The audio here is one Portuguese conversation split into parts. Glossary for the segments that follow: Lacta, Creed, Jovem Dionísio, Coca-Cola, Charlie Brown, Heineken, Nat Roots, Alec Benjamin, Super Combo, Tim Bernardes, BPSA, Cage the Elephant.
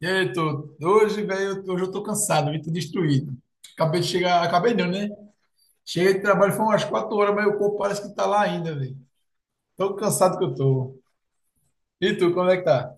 E aí, Heitor? Hoje, velho, hoje eu tô cansado, vim tô destruído. Acabei de chegar, acabei não, né? Cheguei de trabalho, foi umas 4h, mas o corpo parece que tá lá ainda, velho. Tão cansado que eu tô. E tu, como é que tá?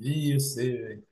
Ih, eu sei, velho.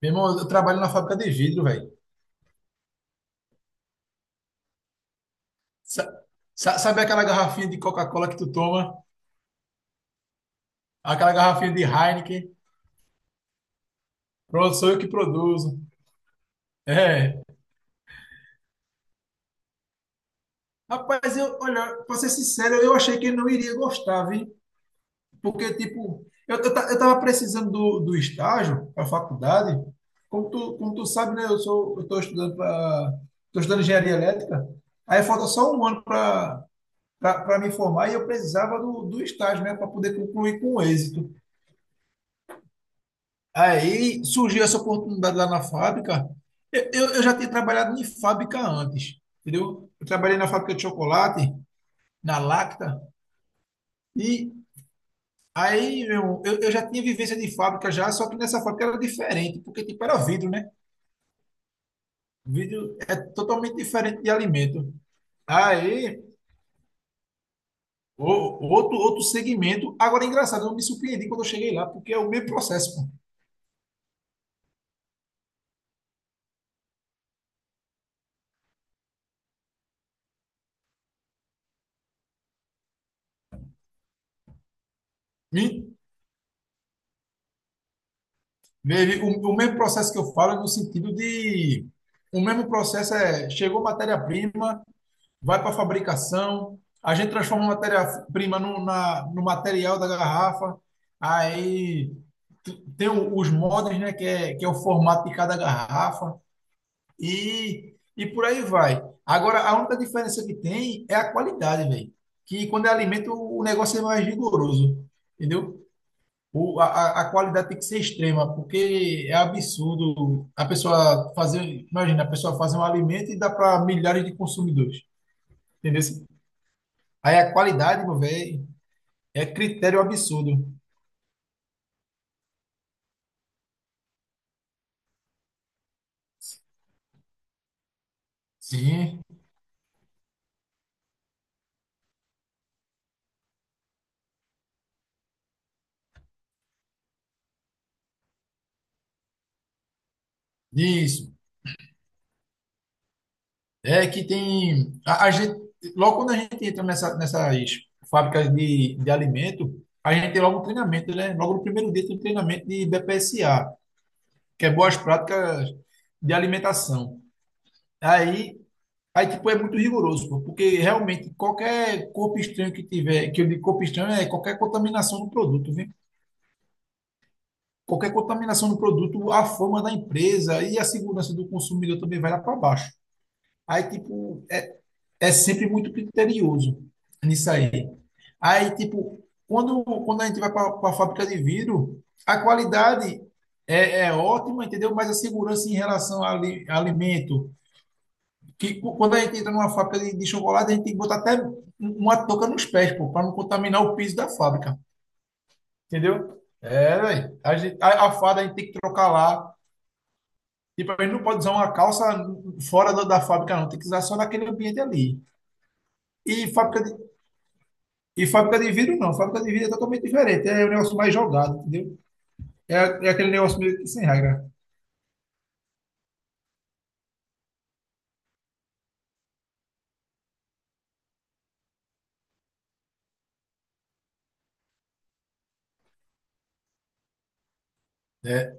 Meu irmão, eu trabalho na fábrica de vidro, velho. Sa- Sabe aquela garrafinha de Coca-Cola que tu toma? Aquela garrafinha de Heineken? Pronto, sou eu que produzo. É. Rapaz, eu, olha, pra ser sincero, eu achei que ele não iria gostar, viu? Porque, tipo, eu tava precisando do estágio para faculdade. Como tu sabe, né? Eu sou, eu tô estudando para, tô estudando engenharia elétrica. Aí falta só um ano para me formar e eu precisava do estágio, né? Para poder concluir com êxito. Aí surgiu essa oportunidade lá na fábrica. Eu já tinha trabalhado em fábrica antes, entendeu? Eu trabalhei na fábrica de chocolate, na Lacta, e... Aí, meu irmão, eu já tinha vivência de fábrica já, só que nessa fábrica era diferente, porque tipo era vidro, né? Vidro é totalmente diferente de alimento. Aí, o- outro segmento. Agora, é engraçado, eu me surpreendi quando eu cheguei lá, porque é o mesmo processo, pô. Me- o mesmo processo que eu falo é no sentido de... O mesmo processo é: chegou matéria-prima, vai para a fabricação, a gente transforma a matéria-prima no material da garrafa, aí tem os modems, né, que é o formato de cada garrafa, e por aí vai. Agora, a única diferença que tem é a qualidade, velho. Que quando é alimento, o negócio é mais rigoroso, entendeu? O, a qualidade tem que ser extrema, porque é absurdo a pessoa fazer, imagina, a pessoa fazer um alimento e dá para milhares de consumidores, entendeu? Aí a qualidade, meu velho, é critério absurdo. Sim, isso. É que tem. A gente, logo quando a gente entra nessas fábricas de alimento, a gente tem logo um treinamento, né? Logo no primeiro dia tem um treinamento de BPSA, que é Boas Práticas de Alimentação. Aí, aí, tipo, é muito rigoroso, pô, porque realmente qualquer corpo estranho que tiver, que eu digo corpo estranho, é qualquer contaminação do produto, a fama da empresa e a segurança do consumidor também vai lá para baixo. Aí, tipo, é sempre muito criterioso nisso aí. Aí, tipo, quando a gente vai para a fábrica de vidro, a qualidade é ótima, entendeu? Mas a segurança em relação ao alimento, quando a gente entra numa fábrica de chocolate, a gente tem que botar até uma touca nos pés, pô, para não contaminar o piso da fábrica, entendeu? É, velho. A farda a gente tem que trocar lá. Tipo, a gente não pode usar uma calça fora da fábrica, não. Tem que usar só naquele ambiente ali. E fábrica de, e fábrica de vidro, não. Fábrica de vidro é totalmente diferente. É um negócio mais jogado, entendeu? É, é aquele negócio meio que sem regra. É.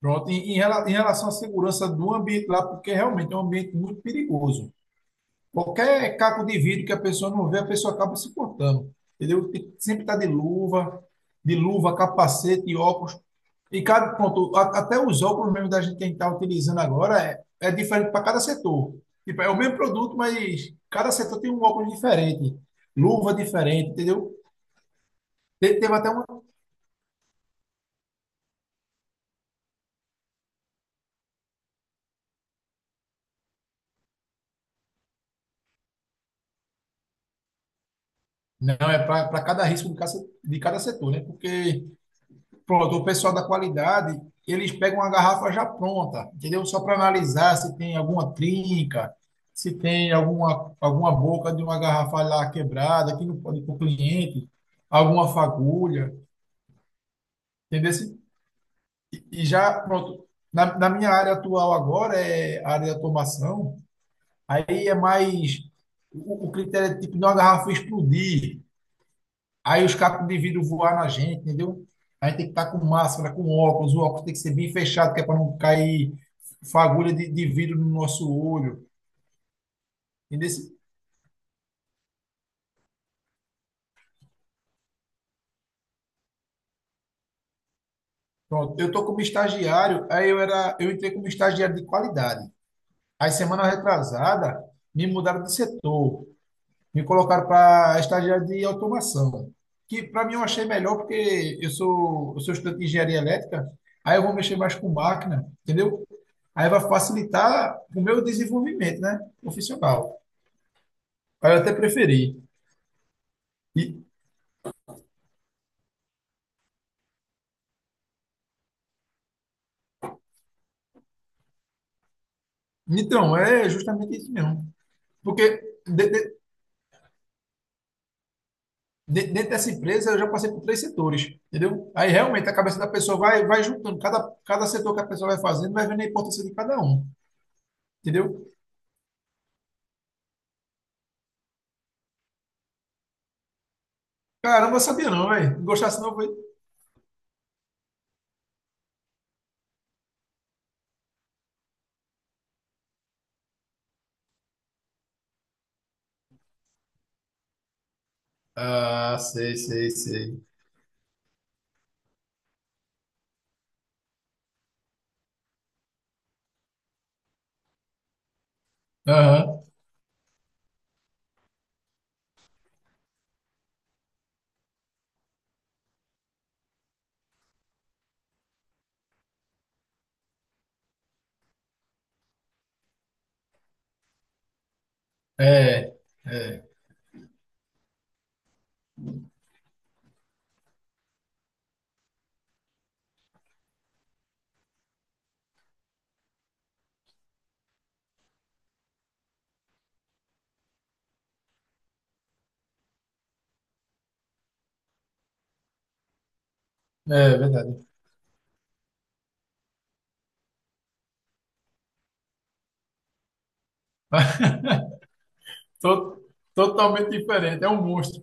Pronto. Em relação à segurança do ambiente lá, porque realmente é um ambiente muito perigoso. Qualquer caco de vidro que a pessoa não vê, a pessoa acaba se cortando. Entendeu? Tem que sempre estar de luva, capacete, óculos. E cada ponto, até os óculos mesmo da gente que a gente está utilizando agora é diferente para cada setor. Tipo, é o mesmo produto, mas cada setor tem um óculos diferente, luva diferente, entendeu? Teve até uma. Não, é para cada risco de cada, se- de cada setor, né? Porque, pronto, o pessoal da qualidade, eles pegam uma garrafa já pronta, entendeu? Só para analisar se tem alguma trinca, se tem alguma boca de uma garrafa lá quebrada, que não pode ir para o cliente, alguma fagulha, entendeu? E já, pronto, na minha área atual agora é a área de automação, aí é mais, o critério é tipo, não a garrafa explodir, aí os cacos de vidro voar na gente, entendeu? A gente tem que estar com máscara, com óculos, o óculos tem que ser bem fechado, que é para não cair fagulha de vidro no nosso olho, entendeu? Pronto, eu tô como estagiário, eu entrei como estagiário de qualidade. Aí semana retrasada, me mudaram de setor. Me colocaram para estagiário de automação, que para mim eu achei melhor porque eu sou estudante de engenharia elétrica, aí eu vou mexer mais com máquina, entendeu? Aí vai facilitar o meu desenvolvimento, né, profissional. Aí eu até preferi. E, então, é justamente isso mesmo. Porque de- de- dentro dessa empresa eu já passei por três setores, entendeu? Aí realmente a cabeça da pessoa vai juntando, cada setor que a pessoa vai fazendo vai vendo a importância de cada um, entendeu? Caramba, eu sabia não, velho. Gostasse não. Ah, sei, sei, sei. Aham, é, é, é verdade. To- Totalmente diferente, é um monstro.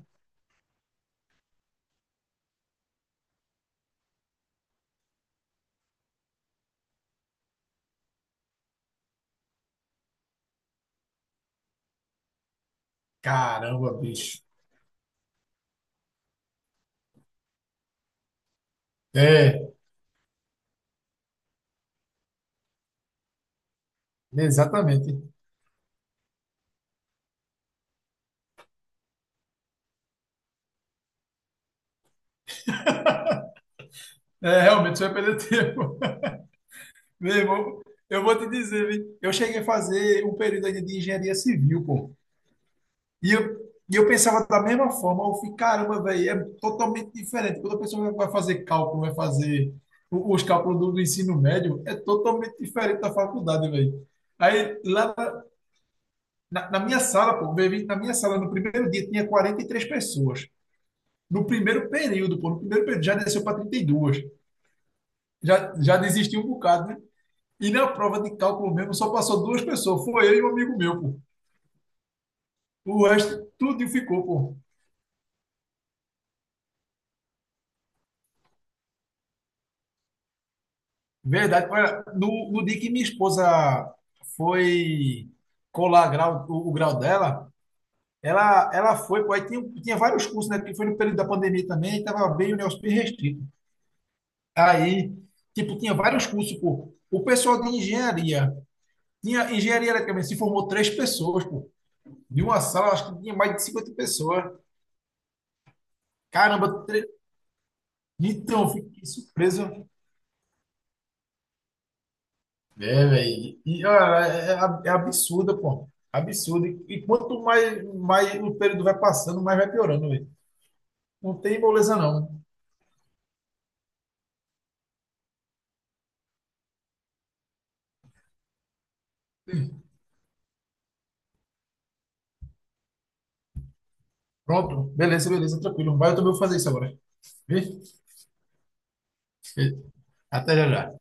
Caramba, bicho. É, exatamente. É, realmente, você vai perder tempo. Meu irmão, eu vou te dizer, viu? Eu cheguei a fazer um período ainda de engenharia civil, pô. E eu, e eu pensava da mesma forma, eu fiquei, caramba, velho, é totalmente diferente. Quando a pessoa vai fazer cálculo, vai fazer os cálculos do ensino médio, é totalmente diferente da faculdade, velho. Aí, lá na minha sala, pô, no primeiro dia, tinha 43 pessoas. No primeiro período já desceu para 32. Já, já desistiu um bocado, né? E na prova de cálculo mesmo, só passou duas pessoas. Foi eu e um amigo meu, pô. O resto, tudo ficou, pô. Verdade. Olha, no dia que minha esposa foi o grau dela, ela foi, pô, aí tinha vários cursos, né? Porque foi no período da pandemia também, estava bem o negócio bem restrito. Aí, tipo, tinha vários cursos, pô. O pessoal de engenharia, tinha engenharia eletrônica, se formou três pessoas, pô. De uma sala, acho que tinha mais de 50 pessoas. Caramba, então, eu fiquei surpreso. É, velho. E, olha, é absurda, pô. Absurdo. E quanto mais, mais o período vai passando, mais vai piorando, velho. Não tem moleza, não. Hum. Pronto. Beleza, beleza, tranquilo. Vai, eu também vou fazer isso agora. Viu? Até já, já.